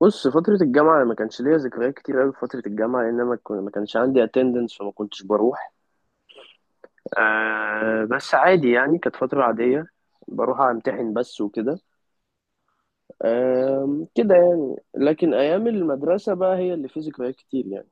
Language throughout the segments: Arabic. بص، فترة الجامعة أنا ما كانش ليا ذكريات كتير أوي في فترة الجامعة لأن أنا ما كانش عندي اتندنس فما كنتش بروح. آه بس عادي، يعني كانت فترة عادية، بروح أمتحن بس وكده. آه كده يعني، لكن أيام المدرسة بقى هي اللي فيه ذكريات كتير يعني.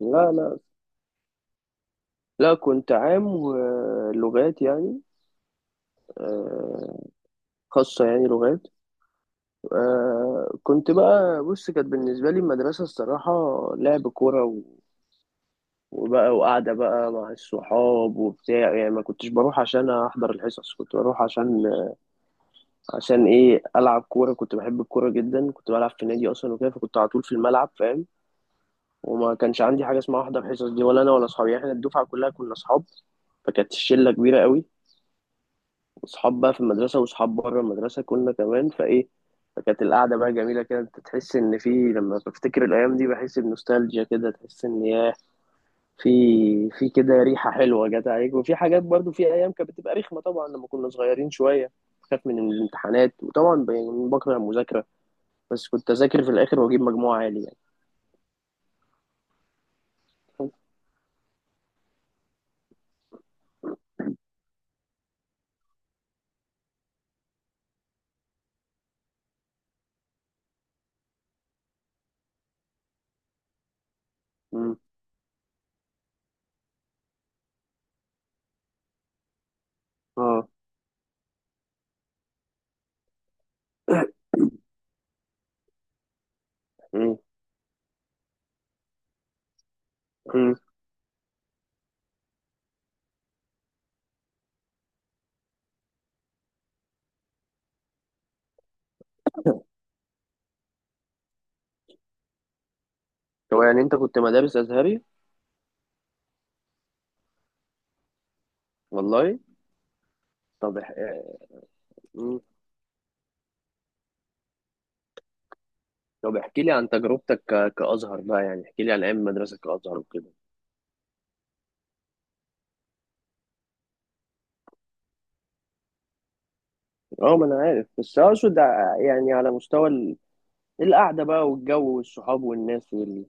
لا، لا كنت عام ولغات يعني. آه، خاصة يعني لغات. آه كنت بقى، بص، كانت بالنسبة لي المدرسة الصراحة لعب كورة، وبقى وقاعدة بقى مع الصحاب وبتاع، يعني ما كنتش بروح عشان أحضر الحصص، كنت بروح عشان إيه؟ ألعب كورة. كنت بحب الكورة جدا، كنت بلعب في نادي أصلا وكده، فكنت على طول في الملعب، فاهم؟ وما كانش عندي حاجة اسمها أحضر حصص دي، ولا أنا ولا أصحابي، يعني إحنا الدفعة كلها كنا أصحاب، فكانت الشلة كبيرة قوي، وأصحاب بقى في المدرسة وأصحاب بره المدرسة كنا كمان، فإيه، فكانت القعدة بقى جميلة كده. أنت تحس إن في، لما بفتكر الأيام دي بحس بنوستالجيا كده، تحس إن ياه، في في كده ريحة حلوة جت عليك، وفي حاجات برضو، في أيام كانت بتبقى رخمة طبعا لما كنا صغيرين شوية، خاف من الامتحانات، وطبعا بكره المذاكرة، بس كنت أذاكر في الآخر وأجيب مجموع عالي يعني. مم. اه. مم. مم. هو يعني أنت كنت مدارس أزهري؟ والله. طب مم. طب احكي لي عن تجربتك ك... كأزهر بقى، يعني احكي لي عن أيام المدرسة كأزهر وكده. اه ما أنا عارف، بس آه، أقصد، يعني على مستوى القعدة بقى والجو والصحاب والناس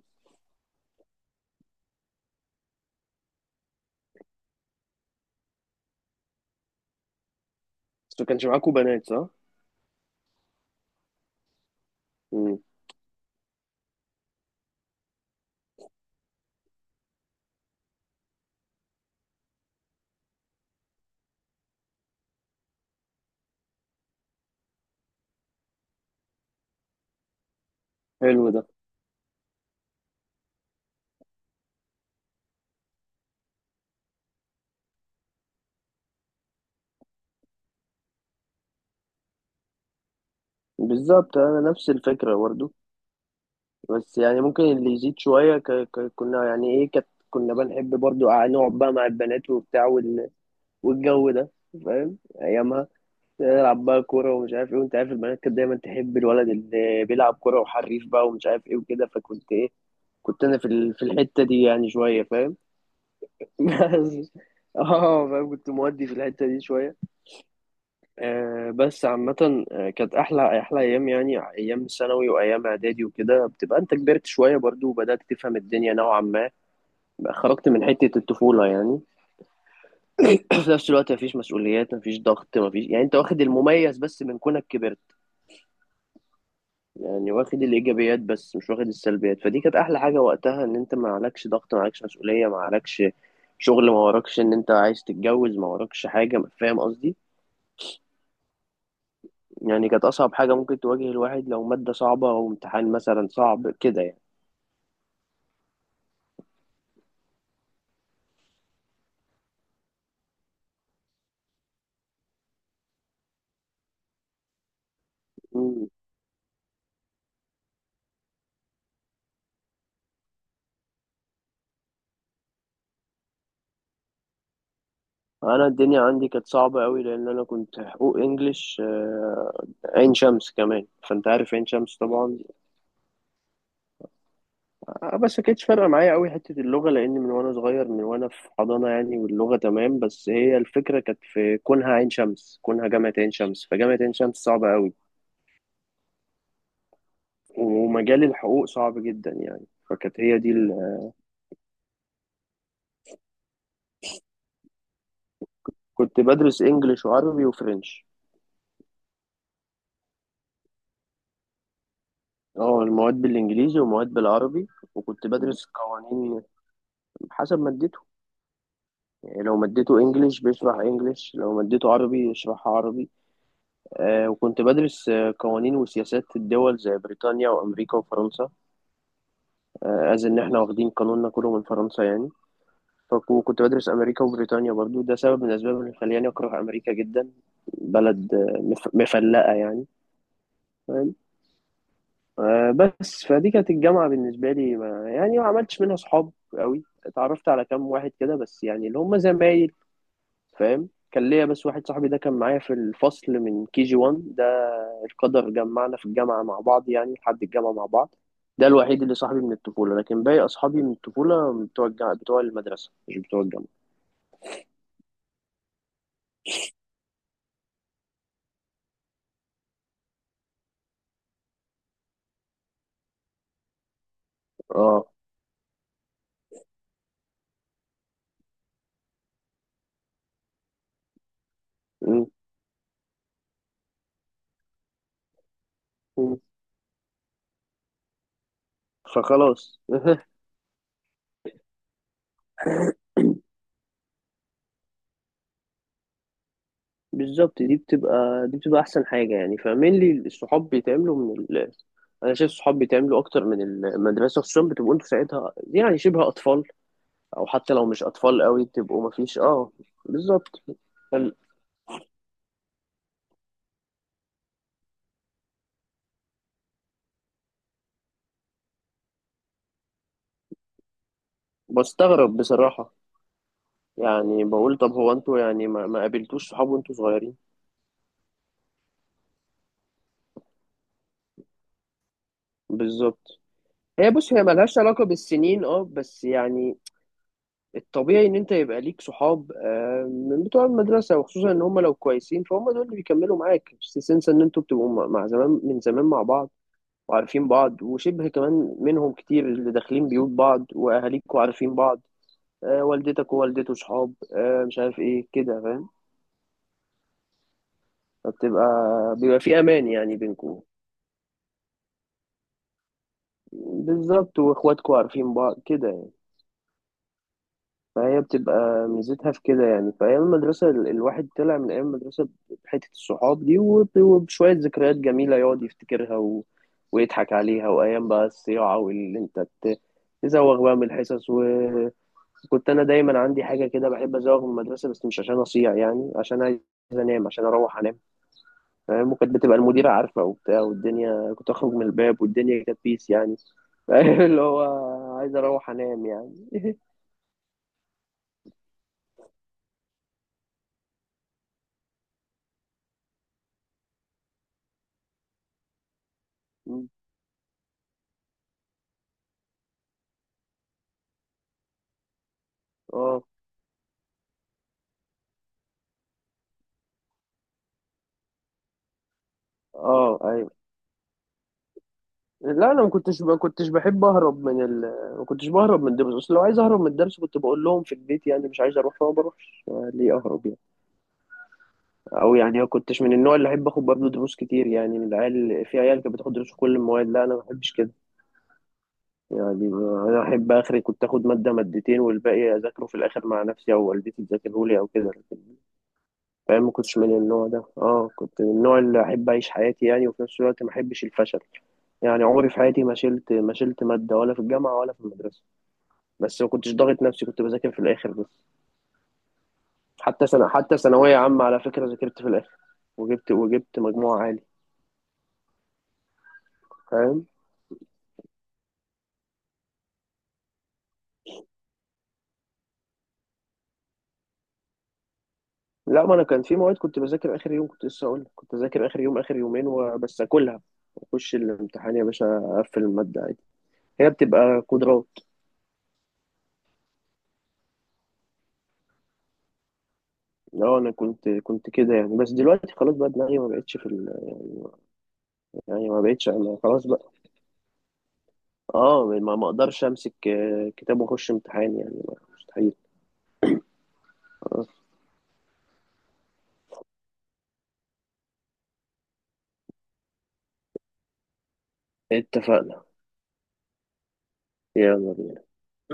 بس ما كانش معاكوا بنات صح؟ حلو ده. بالظبط انا نفس الفكره برضو. بس يعني ممكن اللي يزيد شويه كنا يعني ايه كنا بنحب برضو نقعد بقى مع البنات وبتاع والجو ده، فاهم ايامها، نلعب بقى كوره ومش عارف ايه، وانت عارف البنات كانت دايما تحب الولد اللي بيلعب كوره وحريف بقى ومش عارف ايه وكده، فكنت ايه، كنت انا في الحته دي يعني شويه، فاهم؟ بس اه فاهم، كنت مودي في الحته دي شويه. آه، بس عامة آه، كانت أحلى أيام، يعني أيام ثانوي وأيام إعدادي وكده بتبقى أنت كبرت شوية برضو وبدأت تفهم الدنيا نوعا ما، بقى خرجت من حتة الطفولة يعني. في نفس الوقت مفيش مسؤوليات، مفيش ضغط، مفيش، يعني أنت واخد المميز بس من كونك كبرت، يعني واخد الإيجابيات بس مش واخد السلبيات، فدي كانت أحلى حاجة وقتها، إن أنت ما عليكش ضغط، ما عليكش مسؤولية، ما عليكش شغل، ما وراكش إن أنت عايز تتجوز، ما وراكش حاجة، فاهم قصدي؟ يعني كانت أصعب حاجة ممكن تواجه الواحد لو مادة صعبة أو امتحان مثلا صعب كده يعني. مم. أنا الدنيا عندي كانت صعبة أوي، لأن أنا كنت حقوق إنجليش آه، عين شمس كمان، فأنت عارف عين شمس طبعا. آه، بس كانتش فارقة معايا أوي حتة اللغة، لأن من وأنا صغير، من وأنا في حضانة يعني واللغة تمام، بس هي الفكرة كانت في كونها عين شمس، كونها جامعة عين شمس، فجامعة عين شمس صعبة أوي، ومجال الحقوق صعب جدا يعني، فكانت هي دي كنت بدرس إنجليش وعربي وفرنش. اه المواد بالانجليزي ومواد بالعربي، وكنت مم. بدرس قوانين حسب مادته، يعني لو مادته انجليش بيشرح انجليش، لو مادته عربي يشرحها عربي. آه، وكنت بدرس آه، قوانين وسياسات الدول زي بريطانيا وامريكا وفرنسا، آه از ان احنا واخدين قانوننا كله من فرنسا يعني، فكنت بدرس امريكا وبريطانيا برضو، ده سبب من الاسباب اللي خلاني اكره امريكا جدا، بلد آه، مفلقه يعني. آه، بس فدي كانت الجامعة بالنسبة لي، ما يعني ما عملتش منها صحاب قوي، اتعرفت على كام واحد كده بس يعني اللي هم زمايل، فاهم؟ كان ليا بس واحد صاحبي ده كان معايا في الفصل من كي جي 1، ده القدر جمعنا في الجامعة مع بعض، يعني لحد الجامعة مع بعض، ده الوحيد اللي صاحبي من الطفولة، لكن باقي أصحابي من الطفولة بتوع الجامعة بتوع المدرسة، مش بتوع الجامعة. اه. م- م. فخلاص. بالظبط، دي بتبقى احسن حاجه يعني، فاهمين لي؟ الصحاب بيتعملوا من انا شايف الصحاب بيتعملوا اكتر من المدرسه، خصوصا بتبقوا انتوا ساعتها يعني شبه اطفال، او حتى لو مش اطفال قوي بتبقوا مفيش، اه بالظبط. فال- بستغرب بصراحه، يعني بقول طب هو انتوا يعني ما قابلتوش صحاب وانتوا صغيرين؟ بالظبط. هي، بص، هي ملهاش علاقه بالسنين، اه بس يعني الطبيعي ان انت يبقى ليك صحاب آه، من بتوع المدرسه، وخصوصا ان هم لو كويسين فهم دول اللي بيكملوا معاك، بس تنسى ان انتوا بتبقوا مع، مع زمان من زمان مع بعض وعارفين بعض، وشبه كمان منهم كتير اللي داخلين بيوت بعض، واهاليكوا عارفين بعض، آه، والدتك ووالدته صحاب، آه، مش عارف ايه كده، فاهم؟ فبتبقى، بيبقى في امان يعني بينكم. بالظبط، واخواتكوا عارفين بعض كده يعني. فهي بتبقى ميزتها في كده يعني. فأيام المدرسة الواحد طلع من أيام المدرسة بحتة الصحاب دي، وبشوية ذكريات جميلة يقعد يفتكرها، و... ويضحك عليها. وأيام بقى الصياعة، واللي أنت تزوغ بقى من الحصص، وكنت، أنا دايما عندي حاجة كده بحب أزوغ من المدرسة، بس مش عشان أصيع، يعني عشان عايز أنام، عشان أروح أنام، فاهم؟ وكانت بتبقى المديرة عارفة وبتاع، والدنيا كنت أخرج من الباب والدنيا كانت بيس يعني. اللي هو عايز أروح أنام يعني. اه. اه لا انا ما كنتش بحب اهرب من ما كنتش بهرب من الدرس، اصل لو عايز اهرب من الدرس كنت بقول لهم في البيت يعني مش عايز اروح فما بروحش، آه، ليه اهرب يعني؟ او يعني ما كنتش من النوع اللي احب اخد برضه دروس كتير، يعني من العيال، في عيال كانت بتاخد دروس في كل المواد، لا انا ما بحبش كده يعني. آه، انا احب اخري، كنت اخد ماده مادتين والباقي اذاكره في الاخر مع نفسي، او والدتي تذاكره لي او كده، لكن فاهم ما كنتش من النوع ده. اه كنت من النوع اللي احب اعيش حياتي يعني، وفي نفس الوقت ما احبش الفشل، يعني عمري في حياتي ما شلت، ما شلت ماده ولا في الجامعه ولا في المدرسه، بس ما كنتش ضاغط نفسي، كنت بذاكر في الاخر بس. حتى سنة، حتى ثانوية عامة على فكرة ذاكرت في الاخر، وجبت مجموع عالي. فاهم؟ لا ما انا كان في مواد كنت بذاكر اخر يوم، كنت لسه اقول لك. كنت اذاكر اخر يوم، اخر يومين وبس اكلها، اخش الامتحان يا باشا، اقفل المادة عادي، هي بتبقى قدرات. اه انا كنت كده يعني، بس دلوقتي خلاص بقى دماغي ما بقتش في يعني ما بقتش انا، خلاص بقى، اه ما اقدرش امسك آه، كتاب واخش امتحان يعني، مستحيل. آه. اتفقنا. يلا بينا.